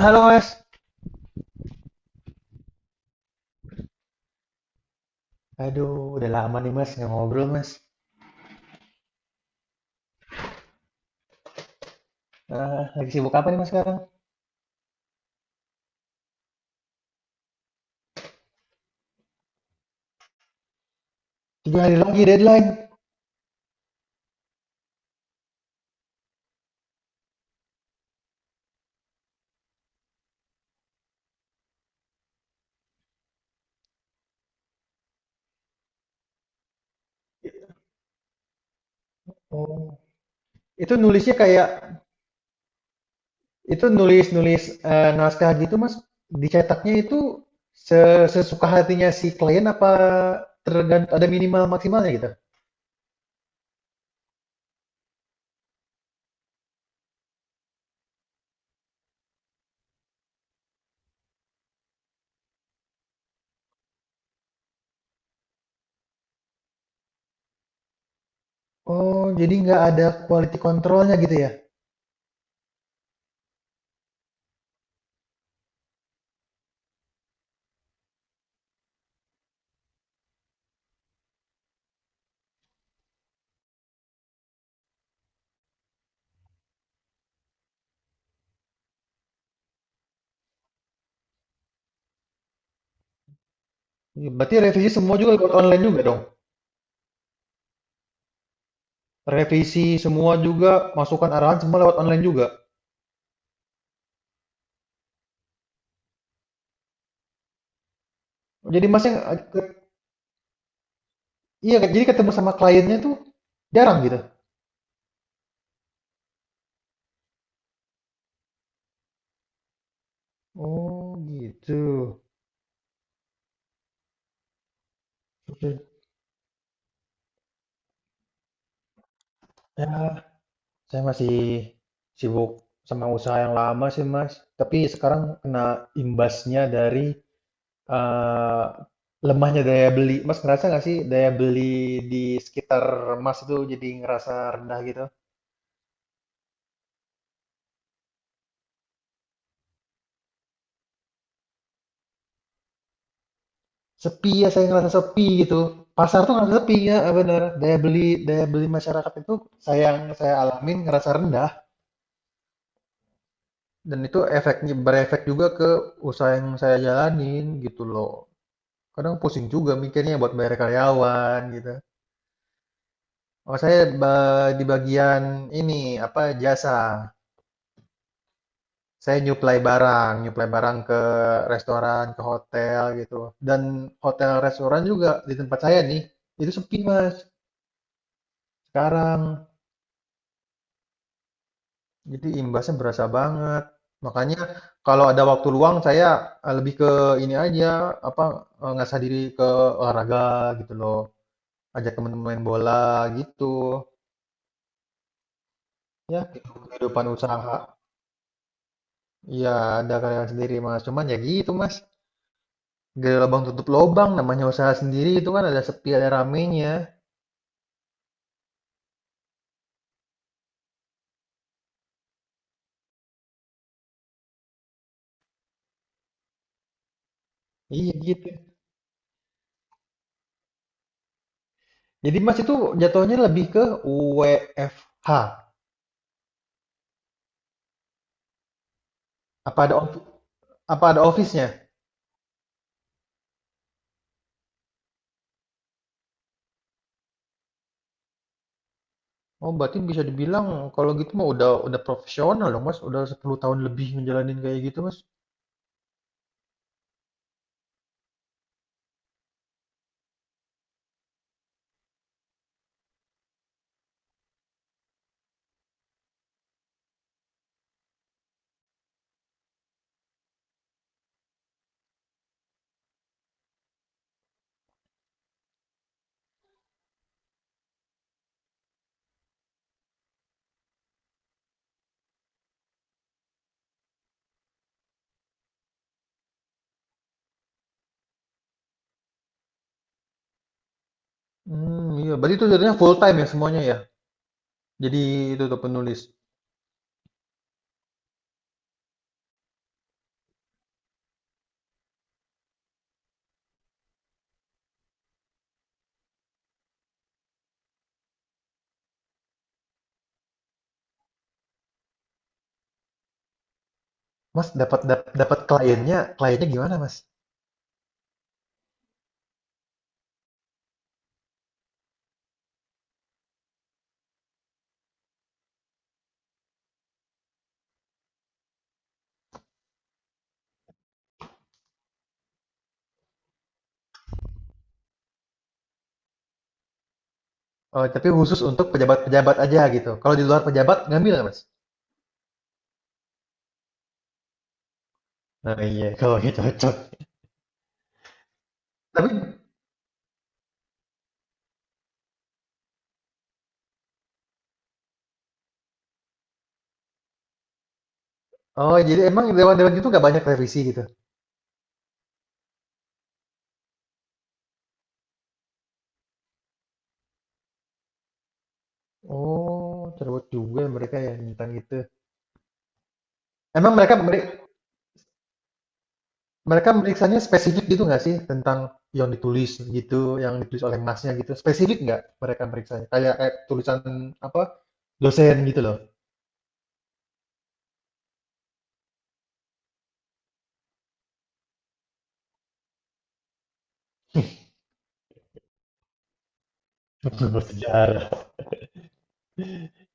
Halo Mas. Aduh, udah lama nih Mas nggak ngobrol Mas. Lagi sibuk apa nih Mas sekarang? 3 hari lagi deadline. Oh, itu nulisnya kayak itu nulis-nulis naskah gitu Mas. Dicetaknya itu sesuka hatinya si klien apa tergantung ada minimal maksimalnya gitu? Oh, jadi nggak ada quality controlnya gitu ya? Ya, berarti revisi semua juga lewat online juga dong? Revisi semua juga, masukan arahan semua lewat online juga. Jadi Mas yang iya, jadi ketemu sama kliennya tuh jarang gitu? Oh, gitu. Mhm. Ya, saya masih sibuk sama usaha yang lama sih, Mas. Tapi sekarang kena imbasnya dari, eee, lemahnya daya beli. Mas ngerasa nggak sih daya beli di sekitar Mas itu jadi ngerasa rendah gitu? Sepi ya, saya ngerasa sepi gitu. Pasar tuh ngerasa sepi, ya benar? Daya beli masyarakat itu saya yang saya alamin ngerasa rendah. Dan itu efeknya berefek juga ke usaha yang saya jalanin gitu loh. Kadang pusing juga mikirnya buat bayar karyawan gitu. Oh, saya di bagian ini apa jasa. Saya nyuplai barang ke restoran, ke hotel gitu. Dan hotel restoran juga di tempat saya nih itu sepi Mas sekarang. Jadi imbasnya berasa banget. Makanya kalau ada waktu luang saya, lebih ke ini aja, apa, ngasah diri ke olahraga gitu loh, ajak temen main bola gitu. Ya kehidupan usaha ya ada kerenan sendiri, Mas, cuman ya gitu, Mas, gali lubang tutup lubang. Namanya usaha sendiri itu kan ada sepi ada ramenya. Iya gitu. Jadi, Mas, itu jatuhnya lebih ke WFH? Apa ada ofi apa ada office-nya? Oh, berarti bisa dibilang kalau gitu mah udah profesional dong, Mas. Udah 10 tahun lebih ngejalanin kayak gitu, Mas. Hmm, iya. Berarti itu jadinya full time ya semuanya ya. Jadi itu tuh penulis. Mas dapat dapat kliennya, kliennya gimana, Mas? Oh, tapi khusus untuk pejabat-pejabat aja gitu. Kalau di luar pejabat ngambil nggak, Mas? Nah iya kalau gitu cocok. Tapi oh, jadi emang dewan-dewan itu nggak banyak revisi gitu. Oh, cerewet juga mereka ya tentang gitu. Emang mereka mereka Mereka meriksanya spesifik gitu nggak sih? Tentang yang ditulis gitu, yang ditulis oleh Masnya gitu. Spesifik nggak mereka meriksanya? Kayak kayak tulisan apa dosen gitu loh. Bersejarah.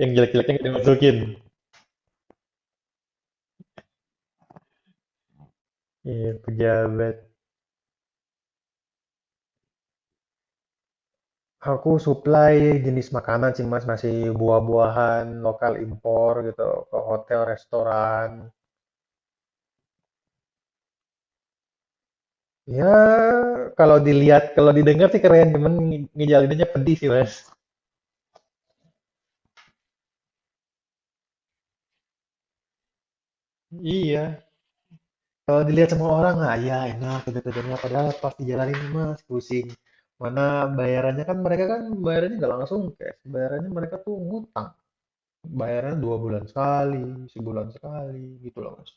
Yang jelek-jeleknya nggak dimasukin. Iya, pejabat. Aku supply jenis makanan sih Mas, masih buah-buahan, lokal impor gitu, ke hotel, restoran. Ya, kalau dilihat, kalau didengar sih keren, cuman ngejalinnya pedih sih Mas. Iya, kalau dilihat semua orang, ah ya enak kerja-kerjanya. Padahal pas dijalanin mas, pusing. Mana bayarannya kan mereka kan bayarannya nggak langsung cash. Bayarannya mereka tuh ngutang. Bayarannya 2 bulan sekali, sebulan sekali gitu loh mas.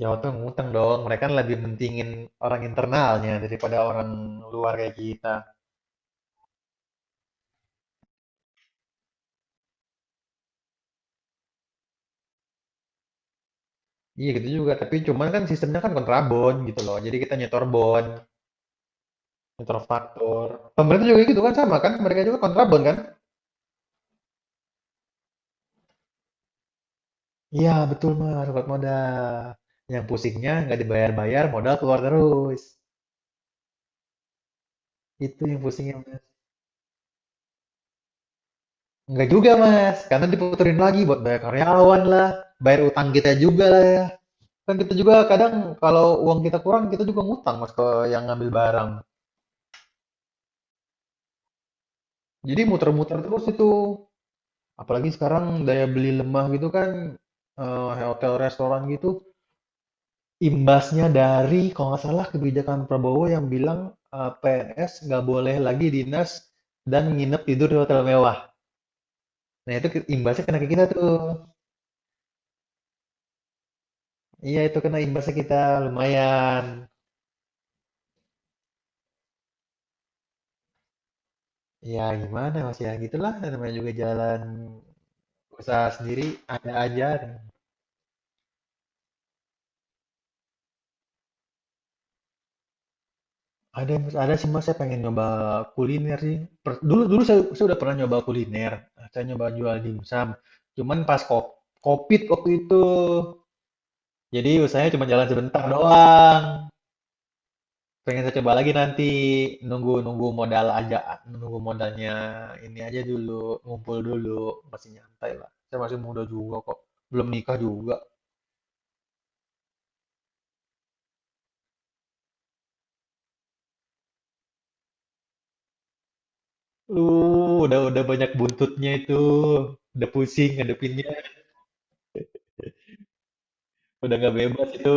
Ya waktu ngutang dong. Mereka kan lebih mentingin orang internalnya daripada orang luar kayak kita. Iya gitu juga. Tapi cuman kan sistemnya kan kontrabon gitu loh. Jadi kita nyetor bon, nyetor faktur. Pemerintah juga gitu kan sama kan? Mereka juga kontrabon kan? Iya, betul Mas, kuat modal. Yang pusingnya nggak dibayar-bayar, modal keluar terus. Itu yang pusingnya Mas. Nggak juga Mas, karena diputerin lagi buat bayar karyawan lah, bayar utang kita juga lah. Ya. Kan kita juga kadang kalau uang kita kurang, kita juga ngutang Mas ke yang ngambil barang. Jadi muter-muter terus itu. Apalagi sekarang daya beli lemah gitu kan, hotel restoran gitu. Imbasnya dari kalau nggak salah kebijakan Prabowo yang bilang, PNS nggak boleh lagi dinas dan nginep tidur di hotel mewah. Nah itu ke imbasnya kena ke kita tuh. Iya itu kena imbasnya kita, lumayan. Ya gimana Mas ya, gitulah namanya juga jalan usaha sendiri, ada aja. Ada Mas, ada sih Mas, saya pengen nyoba kuliner sih. Per dulu dulu saya udah pernah nyoba kuliner, saya nyoba jual dimsum, cuman pas ko Covid waktu itu. Jadi usahanya cuma jalan sebentar doang. Pengen saya coba lagi nanti nunggu nunggu modal aja, nunggu modalnya ini aja dulu, ngumpul dulu, masih nyantai lah. Saya masih muda juga kok, belum nikah juga. Lu udah banyak buntutnya itu, udah pusing ngadepinnya, udah nggak bebas itu.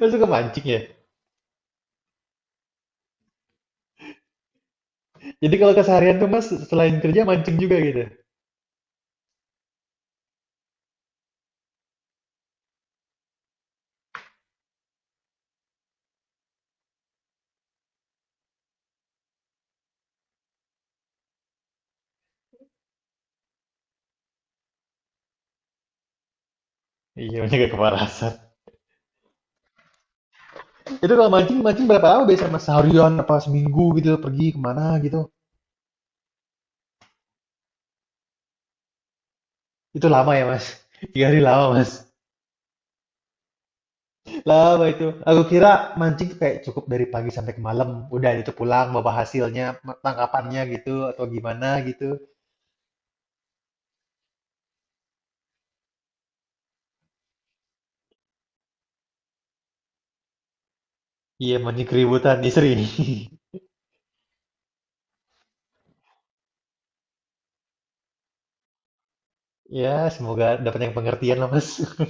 Mas suka mancing ya? Jadi kalau keseharian tuh mas selain kerja mancing juga gitu. Iya, banyak gak kepanasan. Itu kalau mancing, mancing berapa lama biasanya mas? Seharian apa seminggu gitu pergi kemana gitu? Itu lama ya Mas? Tiga hari lama Mas. Lama itu. Aku kira mancing tuh kayak cukup dari pagi sampai ke malam. Udah itu pulang bawa hasilnya, tangkapannya gitu atau gimana gitu. Iya mancing keributan istri. Ya semoga dapat yang pengertian lah Mas.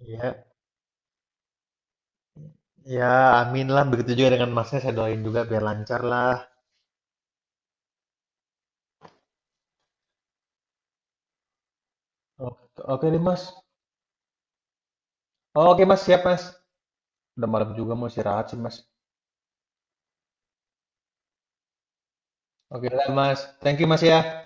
Ya, ya amin lah. Begitu juga dengan Masnya saya doain juga biar lancar lah. Oke, oke deh Mas. Oh, oke Mas siap Mas. Udah malam juga mau istirahat sih Mas. Oke lah Mas. Thank you Mas ya.